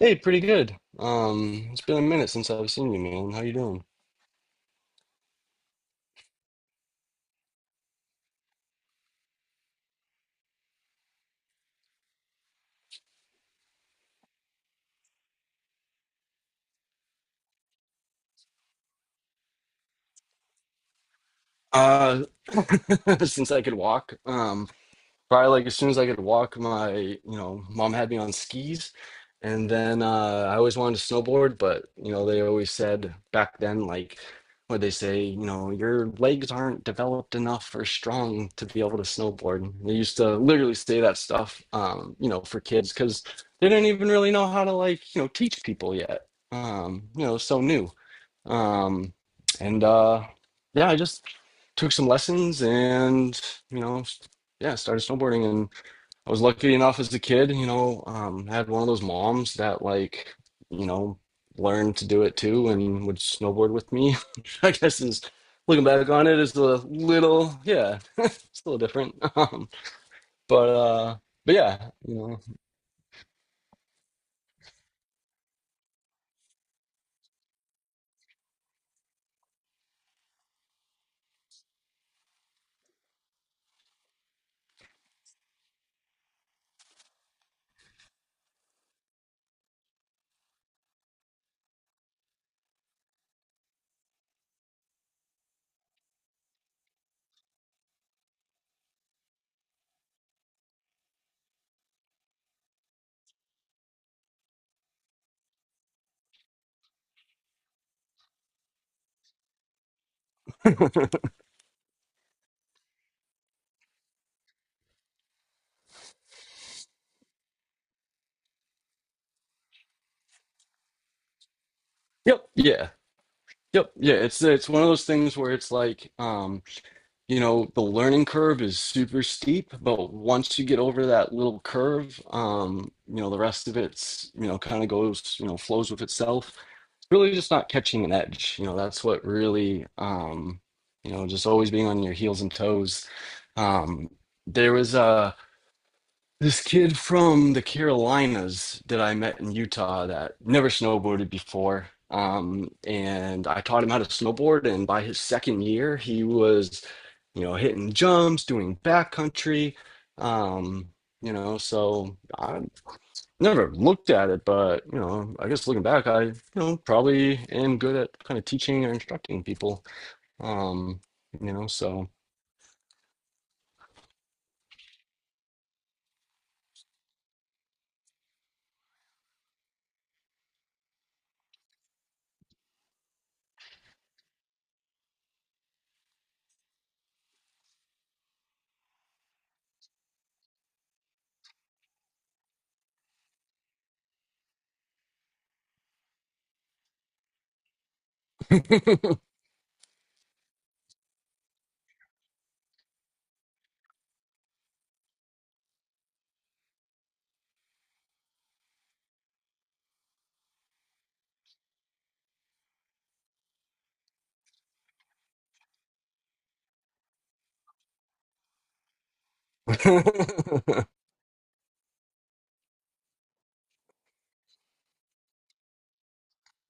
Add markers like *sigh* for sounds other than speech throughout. Hey, pretty good. It's been a minute since I've seen you, man. How you doing? Uh, *laughs* since I could walk. Probably like as soon as I could walk, my mom had me on skis, and then I always wanted to snowboard, but you know they always said back then like what they say, you know your legs aren't developed enough or strong to be able to snowboard. They used to literally say that stuff, you know, for kids because they didn't even really know how to like teach people yet. You know, so new. Um, and yeah, I just took some lessons and, you know, yeah, started snowboarding. And I was lucky enough as a kid, you know, I had one of those moms that, like, you know, learned to do it too and would snowboard with me. *laughs* I guess is looking back on it is a little, yeah, *laughs* it's a little different. *laughs* But, uh, but yeah, you know, yep, yeah, yep, yeah. It's one of those things where it's like, you know, the learning curve is super steep, but once you get over that little curve, you know, the rest of it's, you know, kind of goes, you know, flows with itself. It's really just not catching an edge. You know, that's what really, you know, just always being on your heels and toes. Um, there was a this kid from the Carolinas that I met in Utah that never snowboarded before. And I taught him how to snowboard. And by his second year, he was, you know, hitting jumps, doing backcountry. Um, you know, so I never looked at it, but, you know, I guess looking back, I, you know, probably am good at kind of teaching or instructing people. Um, you know, so.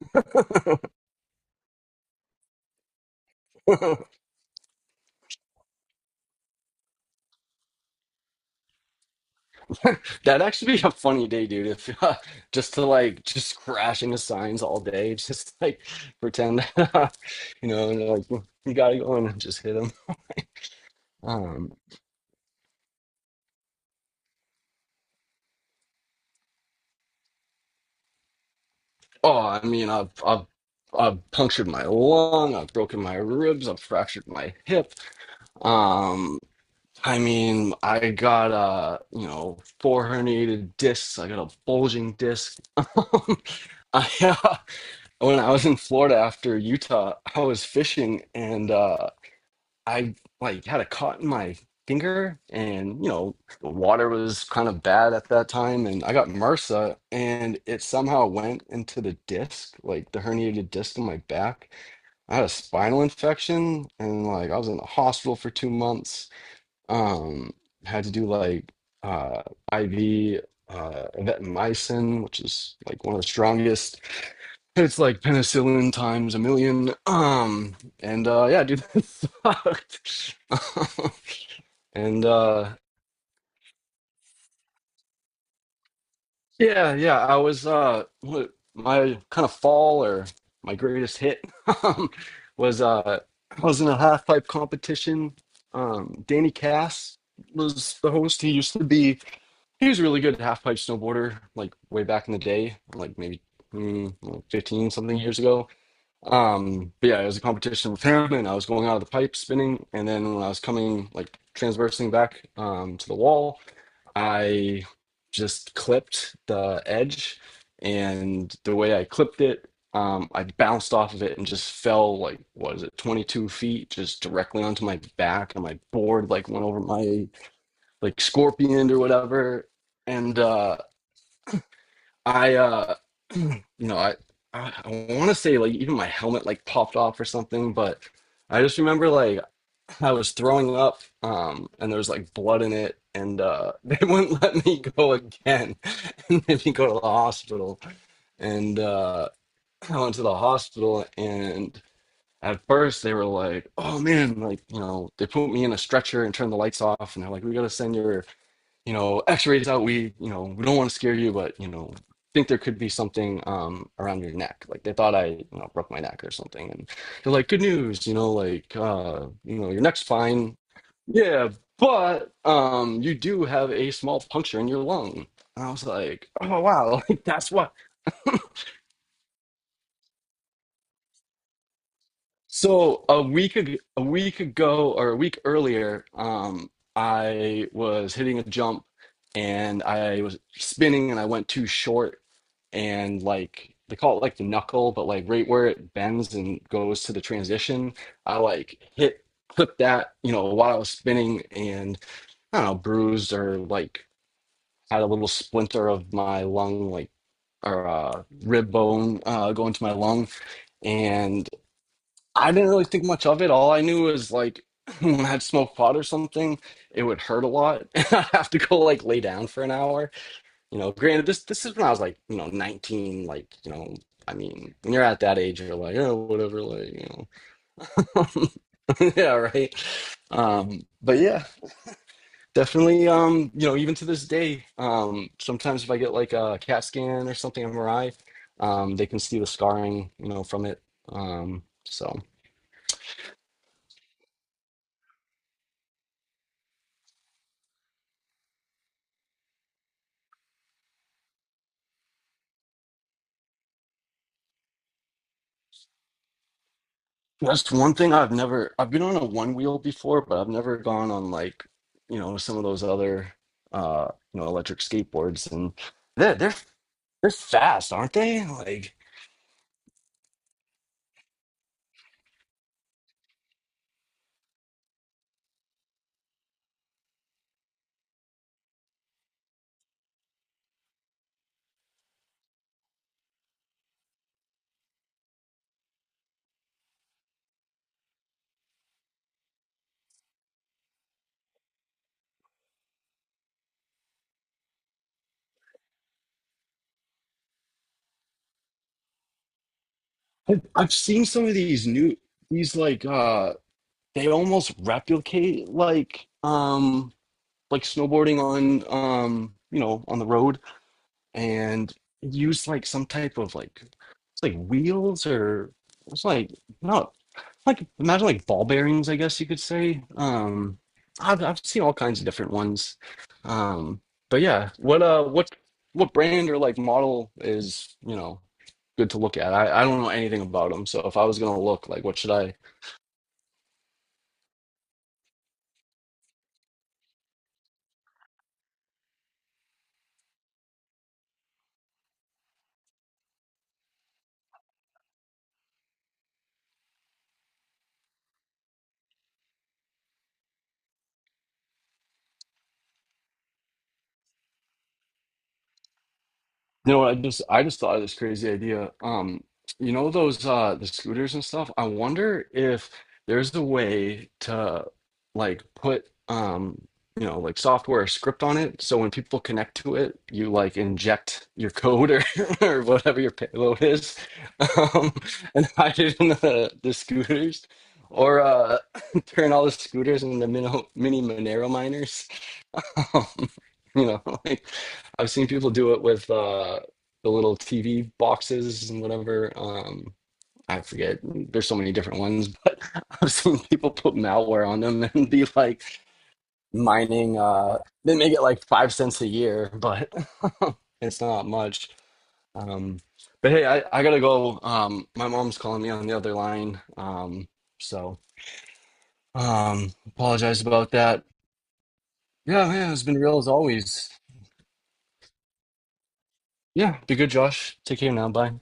*laughs* That'd actually be a funny day, dude. If *laughs* just to like just crash into signs all day, *laughs* just like pretend *laughs* you know, and like you gotta go in and just hit them. Um, oh, I mean, I've I've punctured my lung, I've broken my ribs, I've fractured my hip. Um, I mean, I got you know, four herniated discs. I got a bulging disc. *laughs* I When I was in Florida after Utah, I was fishing and. I like had a cut in my finger, and you know the water was kind of bad at that time and I got MRSA and it somehow went into the disc like the herniated disc in my back. I had a spinal infection, and like I was in the hospital for 2 months. Um Had to do like uh IV evancomycin, which is like one of the strongest, it's like penicillin times a million. And yeah, dude, *laughs* that sucked. *laughs* And yeah, yeah, I was what my kind of fall or my greatest hit *laughs* um was I was in a half pipe competition. Danny Cass was the host. He used to be he was a really good half pipe snowboarder like way back in the day, like maybe 15 something years ago. But yeah, it was a competition with him, and I was going out of the pipe spinning, and then when I was coming like transversing back to the wall, I just clipped the edge, and the way I clipped it, I bounced off of it and just fell like what is it, 22 feet, just directly onto my back, and my board like went over my like scorpion or whatever, and. I you know, I want to say like even my helmet like popped off or something, but I just remember like I was throwing up, and there was like blood in it, and *laughs* they wouldn't let me go again, *laughs* and made me go to the hospital, and I went to the hospital, and at first they were like, "Oh man, like you know," they put me in a stretcher and turned the lights off, and they're like, "We gotta send your." You know, x-rays out. We, you know, we don't want to scare you, but, you know, think there could be something around your neck. Like they thought I, you know, broke my neck or something. And they're like, good news, you know, like you know, your neck's fine. Yeah, but you do have a small puncture in your lung. And I was like, oh wow, *laughs* like that's what. So a week ago or a week earlier, I was hitting a jump and I was spinning and I went too short, and like they call it like the knuckle, but like right where it bends and goes to the transition, I like hit clip that, you know, while I was spinning, and I don't know, bruised or like had a little splinter of my lung, like or rib bone going to my lung. And I didn't really think much of it. All I knew was like *laughs* when I had smoked pot or something, it would hurt a lot. *laughs* And I'd have to go like lay down for an hour. You know, granted, this is when I was like, you know, 19, like, you know, I mean, when you're at that age, you're like, oh, whatever, like, you know. *laughs* Yeah, right. But yeah, definitely, you know, even to this day, sometimes if I get like a CAT scan or something, MRI, they can see the scarring, you know, from it. Um, so that's one thing I've never, I've been on a one wheel before, but I've never gone on like, you know, some of those other, uh, you know, electric skateboards and. they're. they're They're fast, aren't they? Like I've seen some of these new these like they almost replicate like snowboarding on you know on the road, and use like some type of like it's like wheels or it's like no like imagine like ball bearings I guess you could say. I've seen all kinds of different ones. um but yeah, what brand or like model is, you know, good to look at. I don't know anything about them, so if I was gonna look, like, what should I? You know, what, I just thought of this crazy idea. You know those the scooters and stuff. I wonder if there's a way to like put you know like software or script on it, so when people connect to it, you like inject your code or *laughs* or whatever your payload is, um, and *laughs* hide it in the scooters. Or *laughs* turn all the scooters into mini Monero miners. Um, *laughs* you know, like I've seen people do it with the little TV boxes and whatever. I forget. There's so many different ones, but *laughs* I've seen people put malware on them and be like mining. They make it like 5 cents a year, but *laughs* it's not much. Um, but hey, I gotta go. My mom's calling me on the other line. So apologize about that. Yeah, yeah, it's been real as always. Yeah, be good, Josh. Take care now. Bye.